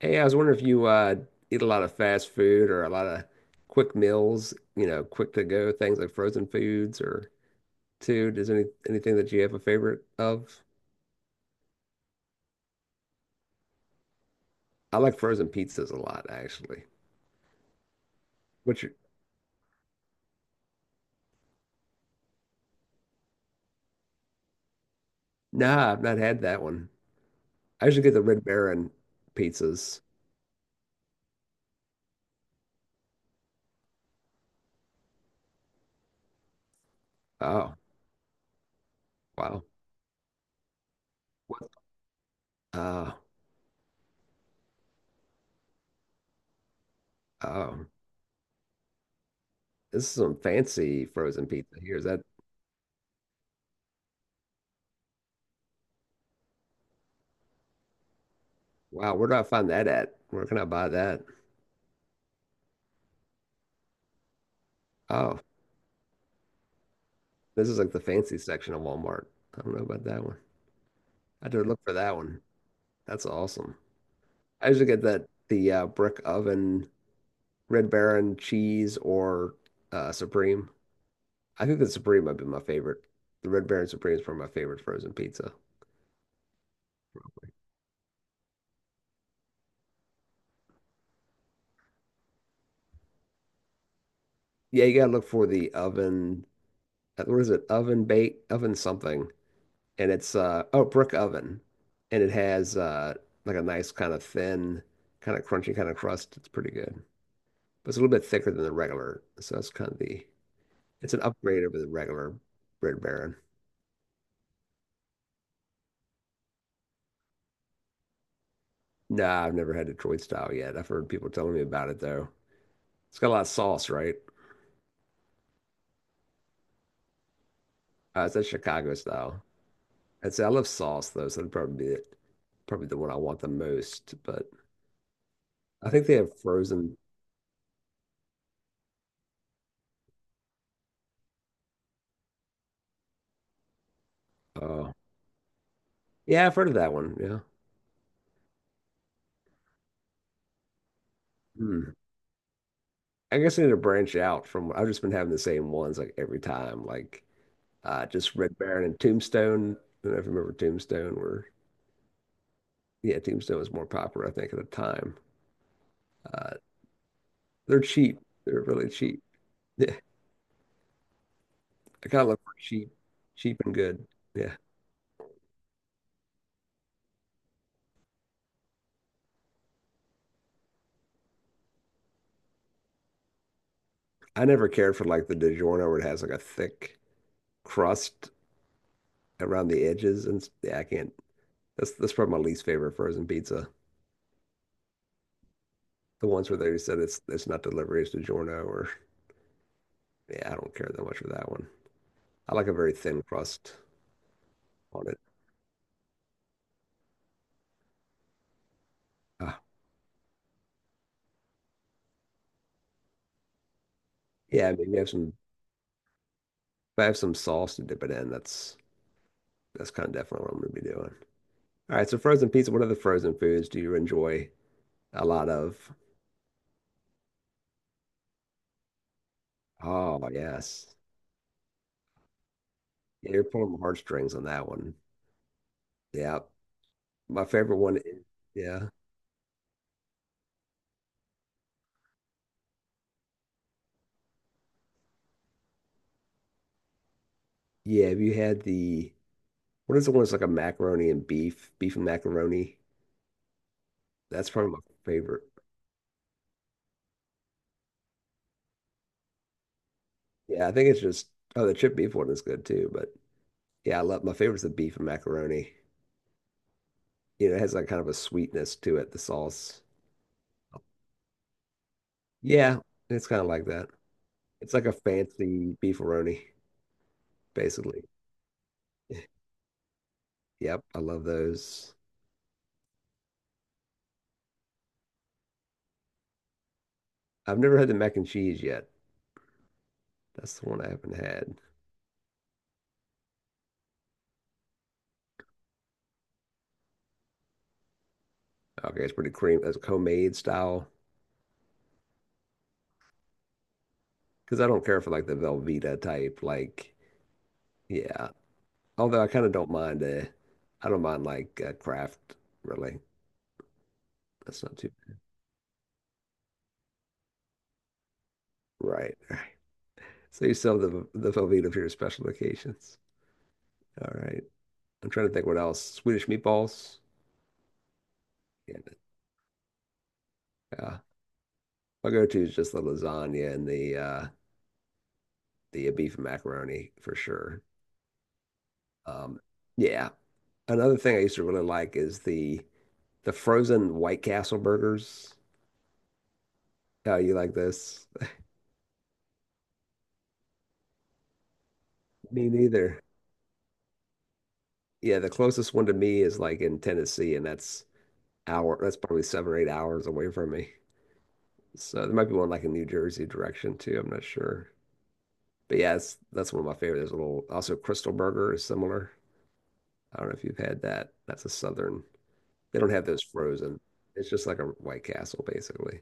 Hey, I was wondering if you eat a lot of fast food or a lot of quick meals, you know, quick to go things like frozen foods or too. Does anything that you have a favorite of? I like frozen pizzas a lot, actually. Which, nah, I've not had that one. I usually get the Red Baron pizzas. Oh, wow. What? Oh, oh, this is some fancy frozen pizza here. Is that, wow, where do I find that at? Where can I buy that? Oh, this is like the fancy section of Walmart. I don't know about that one. I had to look for that one. That's awesome. I usually get that the brick oven, Red Baron cheese or Supreme. I think the Supreme might be my favorite. The Red Baron Supreme is probably my favorite frozen pizza. Yeah, you gotta look for the oven. What is it? Oven bake, oven something, and it's oh brick oven, and it has like a nice kind of thin, kind of crunchy kind of crust. It's pretty good, but it's a little bit thicker than the regular. So that's kind of the it's an upgrade over the regular Red Baron. Nah, I've never had Detroit style yet. I've heard people telling me about it though. It's got a lot of sauce, right? It's a Chicago style. I'd say I love sauce though, so that'd probably be it. Probably the one I want the most. But I think they have frozen. Uh, yeah, I've heard of that one. Yeah. Hmm. I guess I need to branch out from. I've just been having the same ones like every time, like just Red Baron and Tombstone. I don't know if you remember Tombstone, where yeah, Tombstone was more popular, I think, at the time. Uh, they're cheap. They're really cheap. I kind of look for cheap, cheap and good. Yeah. I never cared for like the DiGiorno where it has like a thick crust around the edges and yeah, I can't. That's probably my least favorite frozen pizza. The ones where they said it's not delivery, it's DiGiorno or yeah, I don't care that much for that one. I like a very thin crust on it. Ah, yeah, I mean, you have some if I have some sauce to dip it in, that's kind of definitely what I'm gonna be doing. All right, so frozen pizza, what other frozen foods do you enjoy a lot of? Oh, yes. Yeah, you're pulling my heartstrings on that one. Yeah. My favorite one is, yeah. Yeah, have you had the what is the one that's like a macaroni and beef, beef and macaroni? That's probably my favorite. Yeah, I think it's just oh the chip beef one is good too, but yeah, I love my favorite's the beef and macaroni. You know, it has like kind of a sweetness to it, the sauce. Yeah, it's kind of like that. It's like a fancy beefaroni, basically. Yep, I love those. I've never had the mac and cheese yet. That's the one I haven't had. Okay, it's pretty cream. It's homemade style. Because I don't care for like the Velveeta type. Like, yeah. Although I kind of don't mind. I don't mind like craft. Really, that's not too right. Right. So you sell the Velveeta for your special occasions. All right. I'm trying to think what else. Swedish meatballs. Yeah. Yeah. My go-to is just the lasagna and the beef and macaroni for sure. Um, yeah. Another thing I used to really like is the frozen White Castle burgers. Oh, you like this? Me neither. Yeah, the closest one to me is like in Tennessee, and that's hour, that's probably 7 or 8 hours away from me. So there might be one like in New Jersey direction too. I'm not sure. But yeah, it's, that's one of my favorite. There's a little, also Crystal Burger is similar. I don't know if you've had that. That's a southern. They don't have those frozen. It's just like a White Castle basically.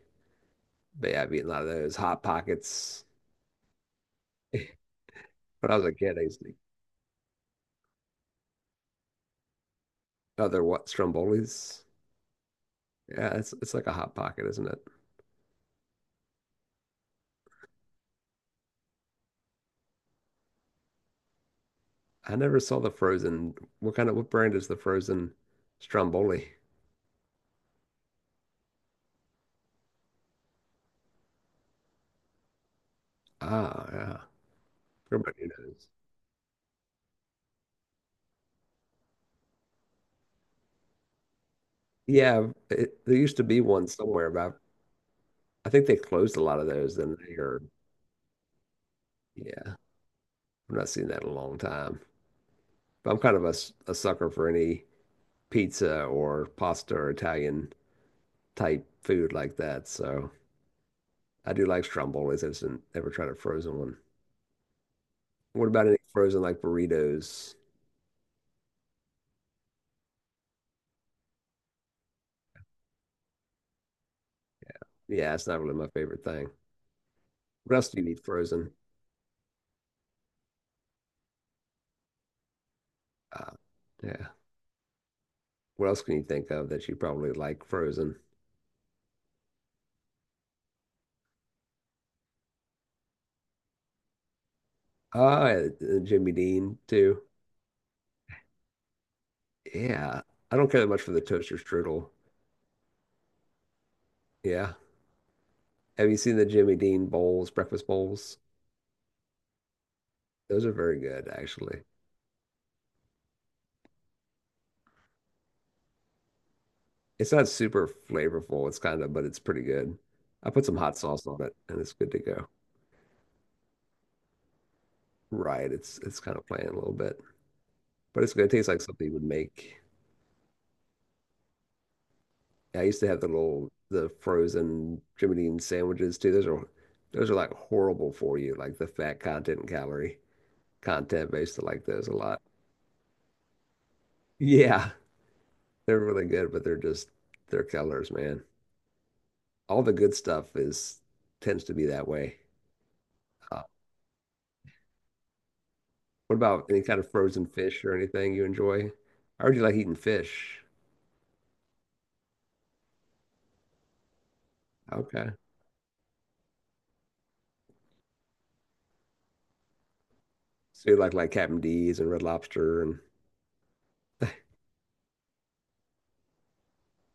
But yeah, I've eaten a lot of those Hot Pockets. When I was a kid, I used to eat other what Strombolis. Yeah, it's like a Hot Pocket, isn't it? I never saw the frozen. What kind of what brand is the frozen Stromboli? Ah, yeah. Everybody knows. Yeah, it, there used to be one somewhere, but I think they closed a lot of those, and they are. Yeah, I've not seen that in a long time. But I'm kind of a sucker for any pizza or pasta or Italian type food like that. So I do like Strombolis. I just didn't ever tried a frozen one. What about any frozen like burritos? Yeah, it's not really my favorite thing. What else do you eat frozen? Uh, yeah. What else can you think of that you probably like Frozen? Ah, uh, Jimmy Dean too. Yeah. I don't care that much for the toaster strudel. Yeah. Have you seen the Jimmy Dean bowls, breakfast bowls? Those are very good, actually. It's not super flavorful. It's kind of, but it's pretty good. I put some hot sauce on it and it's good to go. Right. It's kind of plain a little bit, but it's good. It tastes like something you would make. Yeah, I used to have the little the frozen Jimmy Dean sandwiches too. Those are like horrible for you, like the fat content and calorie. Content based like those a lot. Yeah, they're really good, but they're just they're killers, man. All the good stuff is tends to be that way. Uh, what about any kind of frozen fish or anything you enjoy? I heard you like eating fish. Okay, so you like Captain D's and Red Lobster and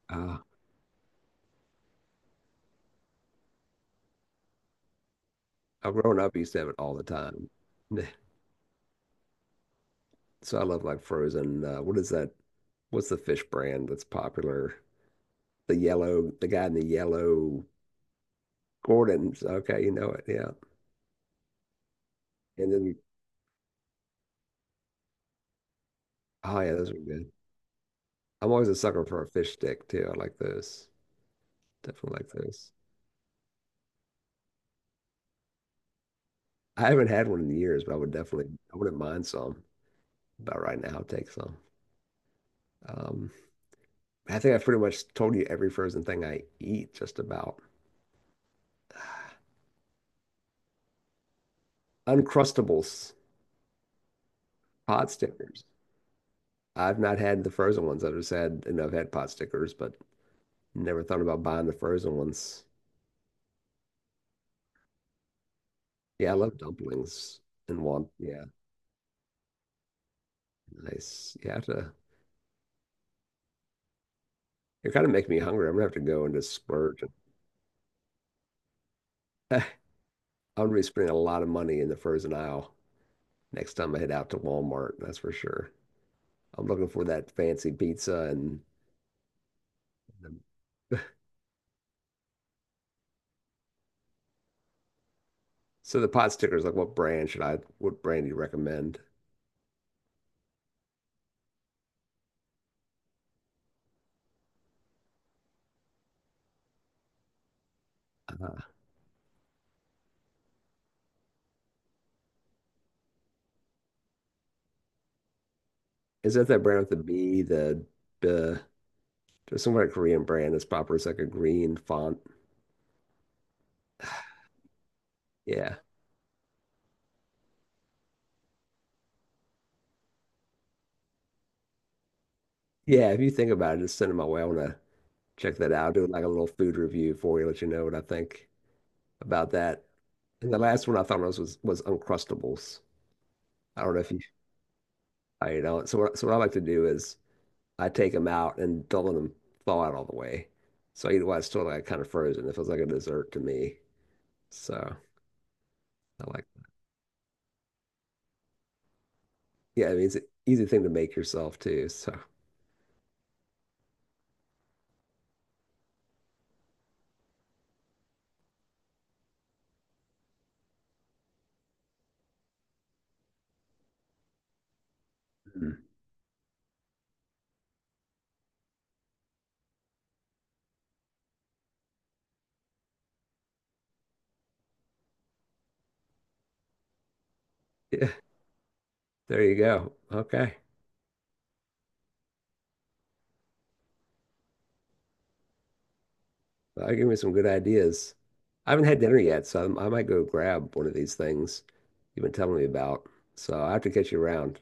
uh, growing up, I used to have it all the time. So I love like frozen. What is that? What's the fish brand that's popular? The yellow, the guy in the yellow, Gordon's. Okay, you know it. Yeah. And then Oh yeah, those are good. I'm always a sucker for a fish stick too. I like those. Definitely like those. I haven't had one in years, but I would definitely, I wouldn't mind some. But right now, I'll take some. Um, I think I've pretty much told you every frozen thing I eat, just about. Uncrustables, pot stickers. I've not had the frozen ones. I've just had, you I've had pot stickers, but never thought about buying the frozen ones. Yeah, I love dumplings and want, yeah, nice. You have to, you're kind of making me hungry. I'm gonna have to go and just splurge. I'm gonna be spending a lot of money in the frozen aisle next time I head out to Walmart, that's for sure. I'm looking for that fancy pizza and so the pot stickers, like what brand should I, what brand do you recommend? Uh, is that that brand with the B, the, there's some kind of Korean brand that's popular. It's like a green font. Yeah. Yeah. If you think about it, just send it my way. I want to check that out. Do like a little food review for you, let you know what I think about that. And the last one I thought was was Uncrustables. I don't know if you you know, so what I like to do is I take them out and don't let them thaw out all the way. So I eat it while it's still like kind of frozen. It feels like a dessert to me. So I like, yeah, I mean, it's an easy thing to make yourself too. So Mm. Yeah, there you go. Okay. Well, that gave me some good ideas. I haven't had dinner yet, so I'm, I might go grab one of these things you've been telling me about. So I have to catch you around.